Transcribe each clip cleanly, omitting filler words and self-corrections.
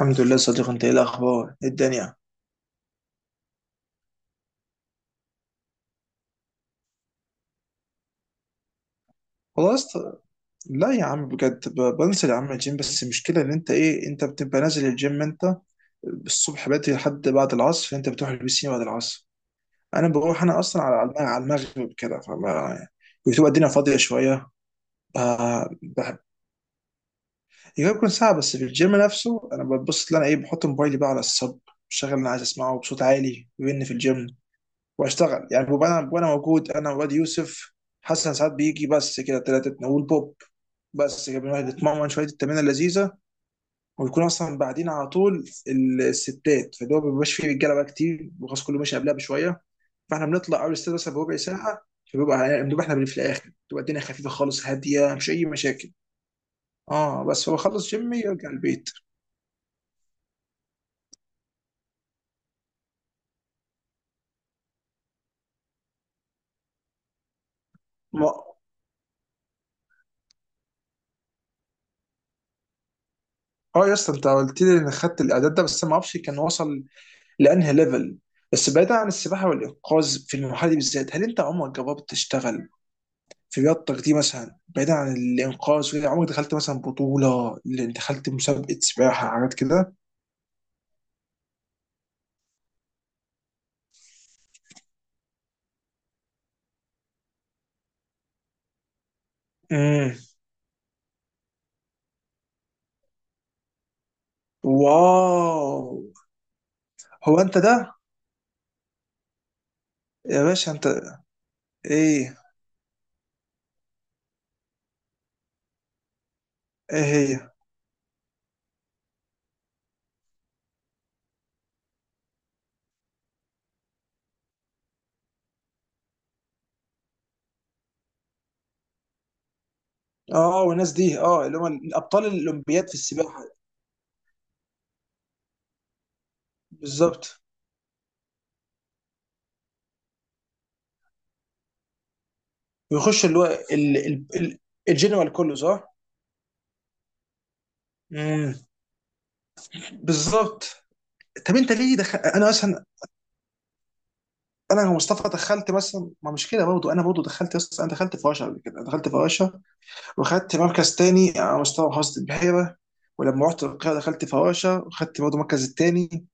الحمد لله صديق، انت ايه الاخبار؟ ايه الدنيا؟ والله يا اسطى. لا يا عم بجد، بنزل يا عم الجيم. بس المشكله ان انت ايه، انت بتبقى نازل الجيم انت الصبح بدري لحد بعد العصر، انت بتروح البسين بعد العصر. انا بروح انا اصلا على على المغرب كده، فما بتبقى الدنيا فاضيه شويه. بحب يبقى يكون ساعه بس في الجيم نفسه. انا ببص ان انا ايه، بحط موبايلي بقى على الصب، بشغل اللي انا عايز اسمعه بصوت عالي بما اني في الجيم، واشتغل يعني. ببقى انا، وانا موجود انا وواد يوسف حسن ساعات بيجي بس كده، ثلاثتنا والبوب. بس كده بنروح نتمرن شويه التمرين اللذيذه، ويكون اصلا بعدين على طول الستات، فاللي هو ما بيبقاش فيه رجاله بقى كتير، وخلاص كله ماشي قبلها بشويه، فاحنا بنطلع اول الستات مثلا بربع ساعه. فبيبقى بنبقى احنا في الاخر تبقى الدنيا خفيفه خالص هاديه، مش اي مشاكل. اه، بس هو بخلص جيمي يرجع البيت. ما- اه يا اسطى، انت قلت لي ان خدت الاعداد ده، بس ما اعرفش كان وصل لانهي ليفل. بس بعيدا عن السباحه والانقاذ في المرحله دي بالذات، هل انت عمرك جربت تشتغل في رياضتك دي مثلا بعيدا عن الانقاذ وكده، عمرك دخلت مثلا بطوله، اللي دخلت مسابقه سباحه حاجات كده؟ امم. واو. هو انت ده؟ يا باشا انت. ايه؟ ايه هي؟ اه، والناس دي، اه، اللي هم الابطال الاولمبياد في السباحه، بالظبط. ويخش اللي هو الجنرال كله، صح؟ امم. بالظبط. طب انت ليه دخل انا اصلا، انا ومصطفى، دخلت مثلا ما مش كده برضه. انا برضه دخلت انا دخلت فراشة قبل كده، دخلت فراشة واخدت مركز تاني على مستوى محافظة البحيرة. ولما رحت القاهرة دخلت فراشة، واخدت برضه المركز التاني.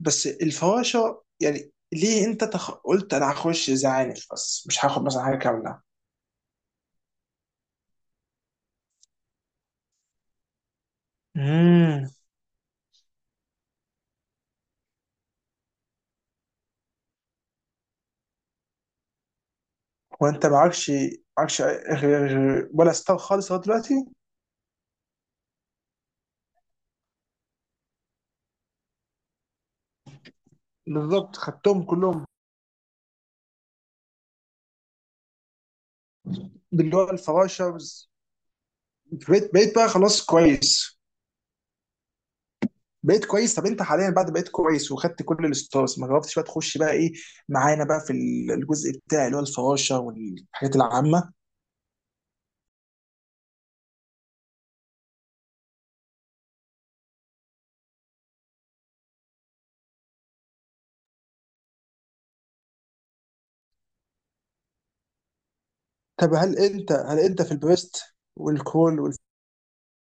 بس الفراشة يعني، ليه انت قلت انا هخش زعانف، بس مش هاخد مثلا حاجة كاملة؟ امم. وانت معكش، معكش ولا ستار خالص لغاية دلوقتي؟ بالظبط، خدتهم كلهم. باللي هو الفراشة. بقيت بقى خلاص كويس. بقيت كويس. طب انت حاليا بعد بقيت كويس وخدت كل الستارز، ما جربتش بقى تخش بقى ايه معانا، بقى في الجزء بتاعي اللي هو الفراشه والحاجات العامه؟ طب هل انت في البريست والكول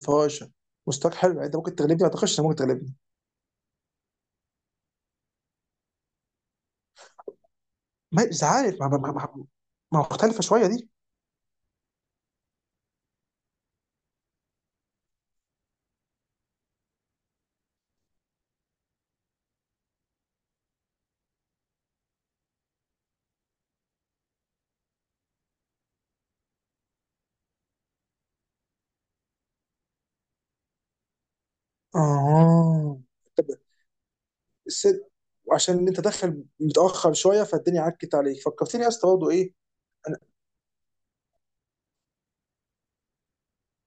والفراشه مستواك حلو يعني؟ انت ممكن تغلبني، ما اعتقدش انت ممكن تغلبني. ما مش عارف ما، ما مختلفه شويه دي. اه. طب الست، وعشان ان انت داخل متاخر شويه فالدنيا عكت عليك، فكرتني يا اسطى برضه ايه، انا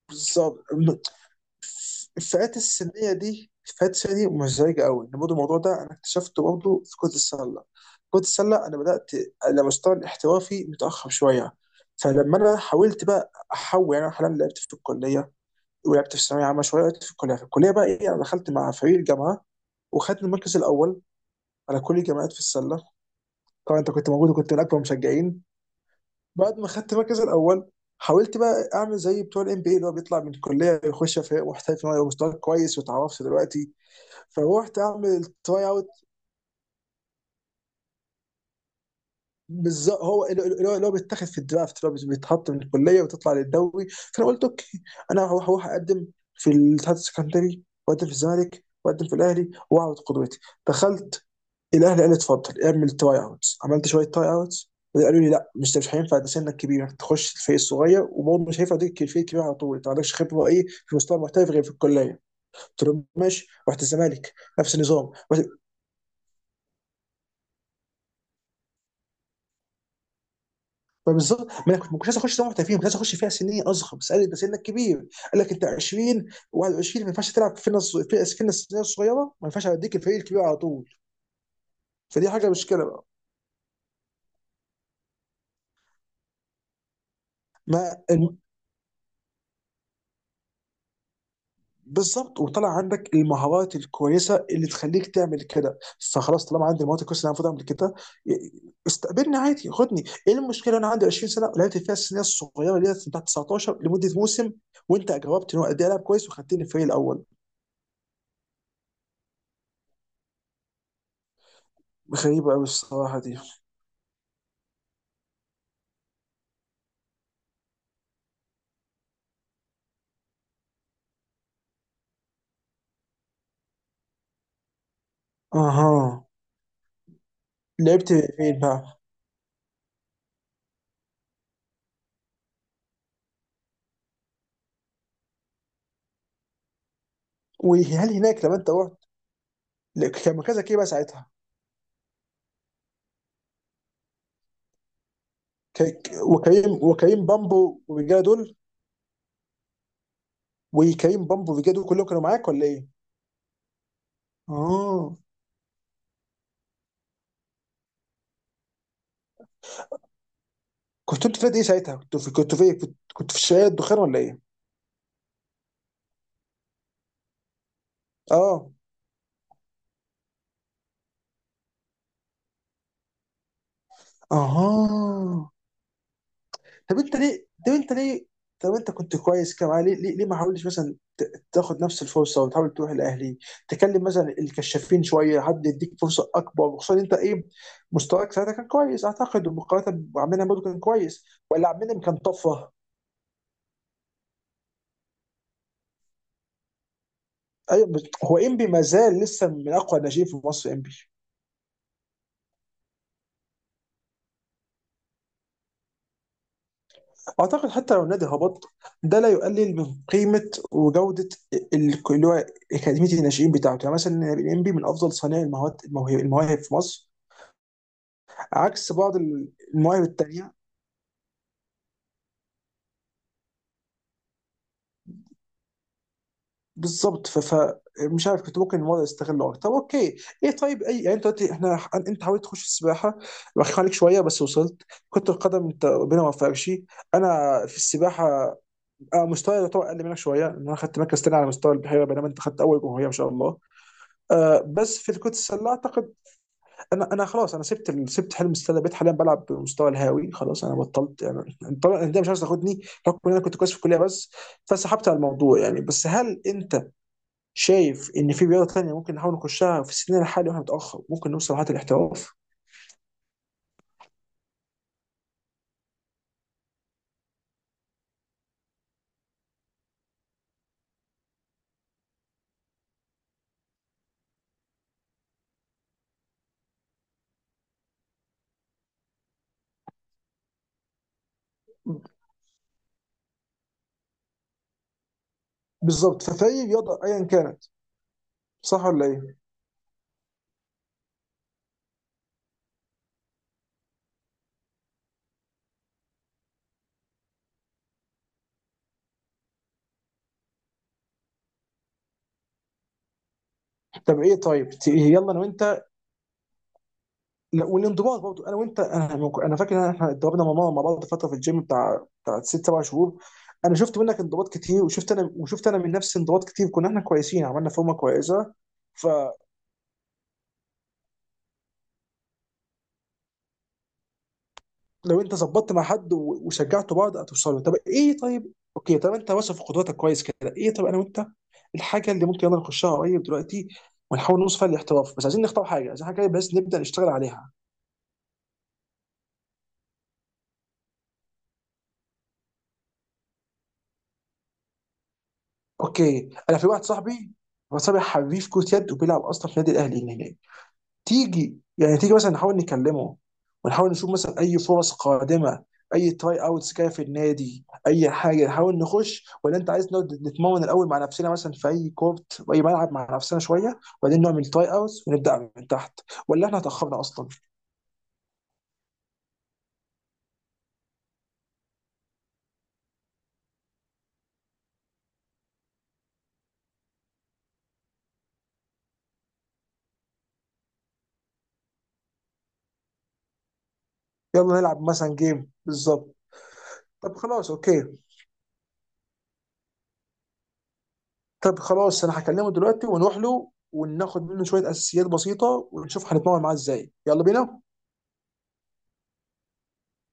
بالظبط. الفئات السنيه دي، الفئات السنيه دي مزعجه قوي، ان برضه الموضوع ده انا اكتشفته برضه في كره السله. كره السله انا بدات على مستوى الاحترافي متاخر شويه. فلما انا حاولت بقى احول، يعني انا حاليا لعبت في الكليه، ولعبت في الثانويه عامه شويه. لعبت في الكليه، في الكليه بقى ايه، انا دخلت مع فريق الجامعه وخدت المركز الاول على كل الجامعات في السله. طبعا انت كنت موجود، وكنت من اكبر المشجعين. بعد ما خدت المركز الاول، حاولت بقى اعمل زي بتوع الام بي، اللي هو بيطلع من الكليه يخش في محترف، إن هو يبقى مستواه كويس وتعرفت دلوقتي. فروحت اعمل التراي اوت، بالظبط هو اللي هو بيتاخد في الدرافت، اللي هو بيتحط من الكليه وتطلع للدوري. فانا قلت اوكي، انا هروح اقدم في الاتحاد السكندري، واقدم في الزمالك، واقدم في الاهلي، واعرض قدوتي. دخلت الاهلي قال لي اتفضل اعمل تراي اوتس، عملت شويه تراي اوتس قالوا لي لا مش هينفع ده، سنك كبير انك تخش الفريق الصغير، وبرضه مش هينفع تديك الفريق الكبير على طول، انت ما عندكش خبره ايه في مستوى محترف غير في الكليه. قلت لهم ماشي، رحت الزمالك نفس النظام. فبالظبط ما انا كنت ما كنتش عايز اخش سنه محترفين، كنت عايز اخش فئه سنيه اصغر. بس قال لي انت سنك كبير، قال لك انت 20 و21 ما ينفعش تلعب في نص، في في الناس السنيه الصغيره، ما ينفعش اديك الفريق الكبير على طول. فدي حاجه مشكله بقى. ما الم- بالظبط، وطلع عندك المهارات الكويسه اللي تخليك تعمل كده. فخلاص طالما عندي المهارات الكويسه اللي انا المفروض اعمل كده، استقبلني عادي، خدني، ايه المشكله، انا عندي 20 سنه ولعبت فيها السنيه الصغيره اللي هي بتاعت 19 لمده موسم، وانت جاوبت ان هو قد ايه العب كويس وخدتني الفريق الاول. غريبه قوي الصراحه دي. اها، لعبت فين بقى؟ وهل هناك لما انت رحت، لا، كان مركزك ايه بقى ساعتها؟ وكريم، وكريم بامبو والرجاله دول، وكريم بامبو والرجاله دول كلهم كانوا معاك ولا ايه؟ اه. كنت انت في نادي ايه ساعتها؟ كنت في، كنت في إيه؟ كنت في شارع الدخان ولا ايه؟ اه. اها. طب انت ليه طب انت ليه طب انت كنت كويس كده معاه، ليه ليه ما حاولتش مثلا تاخد نفس الفرصه، وتحاول تروح الاهلي، تكلم مثلا الكشافين شويه، حد يديك فرصه اكبر، وخصوصا انت ايه، مستواك ساعتها كان كويس اعتقد، ومقارنه بعمنا برضه كان كويس، ولا عمنا كان طفره؟ ايوه، بس هو انبي ما زال لسه من اقوى الناشئين في مصر، انبي. اعتقد حتى لو النادي هبط، ده لا يقلل من قيمه وجوده اللي هو اكاديميه الناشئين بتاعته. يعني مثلا انبي من افضل صانعي المواهب، المواهب في مصر، عكس بعض المواهب التانية. بالظبط، فمش عارف، كنت ممكن الموضوع يستغله اكتر. طب اوكي، ايه طيب، اي يعني، انت دلوقتي احنا، انت حاولت تخش السباحه، بخاف عليك شويه بس وصلت. كرة القدم انت ربنا ما وفقكش. انا في السباحه، انا مستواي يعتبر اقل منك شويه، ان انا خدت مركز تاني على مستوى البحيره، بينما انت خدت اول جمهوريه ما شاء الله. آه، بس في كرة السله اعتقد انا خلاص، انا سبت سبت حلم استاد بيت، حاليا بلعب بالمستوى الهاوي خلاص، انا بطلت يعني. طبعا الانديه مش عايز تاخدني بحكم ان انا كنت كويس في الكليه بس، فسحبت على الموضوع يعني. بس هل انت شايف ان في رياضه ثانيه ممكن نحاول نخشها في سننا الحالي واحنا متاخر، ممكن نوصل لحد الاحتراف؟ بالظبط، ففي رياضه ايا كانت، صح ولا ايه؟ طب ايه طيب، يلا انا وانت. لا، والانضباط برضه انا وانت، انا فاكر ان احنا اتدربنا مع ماما مع بعض فتره في الجيم، بتاع 6 7 شهور. انا شفت منك انضباط كتير، وشفت انا، وشفت انا من نفسي انضباط كتير، كنا احنا كويسين، عملنا فورمه كويسه. فلو انت ظبطت مع حد وشجعتوا بعض هتوصلوا. طب ايه طيب، اوكي. طب انت واثق في قدراتك كويس كده، ايه طب انا وانت الحاجه اللي ممكن يلا نخشها قريب دلوقتي، ونحاول نوصل فيها للاحتراف، بس عايزين نختار حاجه، عايزين حاجه بس نبدا نشتغل عليها. اوكي، انا في واحد صاحبي، هو صاحبي حريف كرة يد، وبيلعب اصلا في النادي الاهلي هناك. تيجي يعني، تيجي مثلا نحاول نكلمه، ونحاول نشوف مثلا اي فرص قادمه، اي تراي اوتس جايه في النادي، اي حاجه نحاول نخش؟ ولا انت عايز نقعد نتمرن الاول مع نفسنا، مثلا في اي كورت في اي ملعب مع نفسنا شويه، وبعدين نعمل تراي اوتس ونبدا من تحت؟ ولا احنا اتاخرنا اصلا؟ يلا نلعب مثلا جيم بالظبط. طب خلاص اوكي. طب خلاص، انا هكلمه دلوقتي ونروح له، وناخد منه شويه اساسيات بسيطه، ونشوف هنتمرن معاه ازاي. يلا بينا.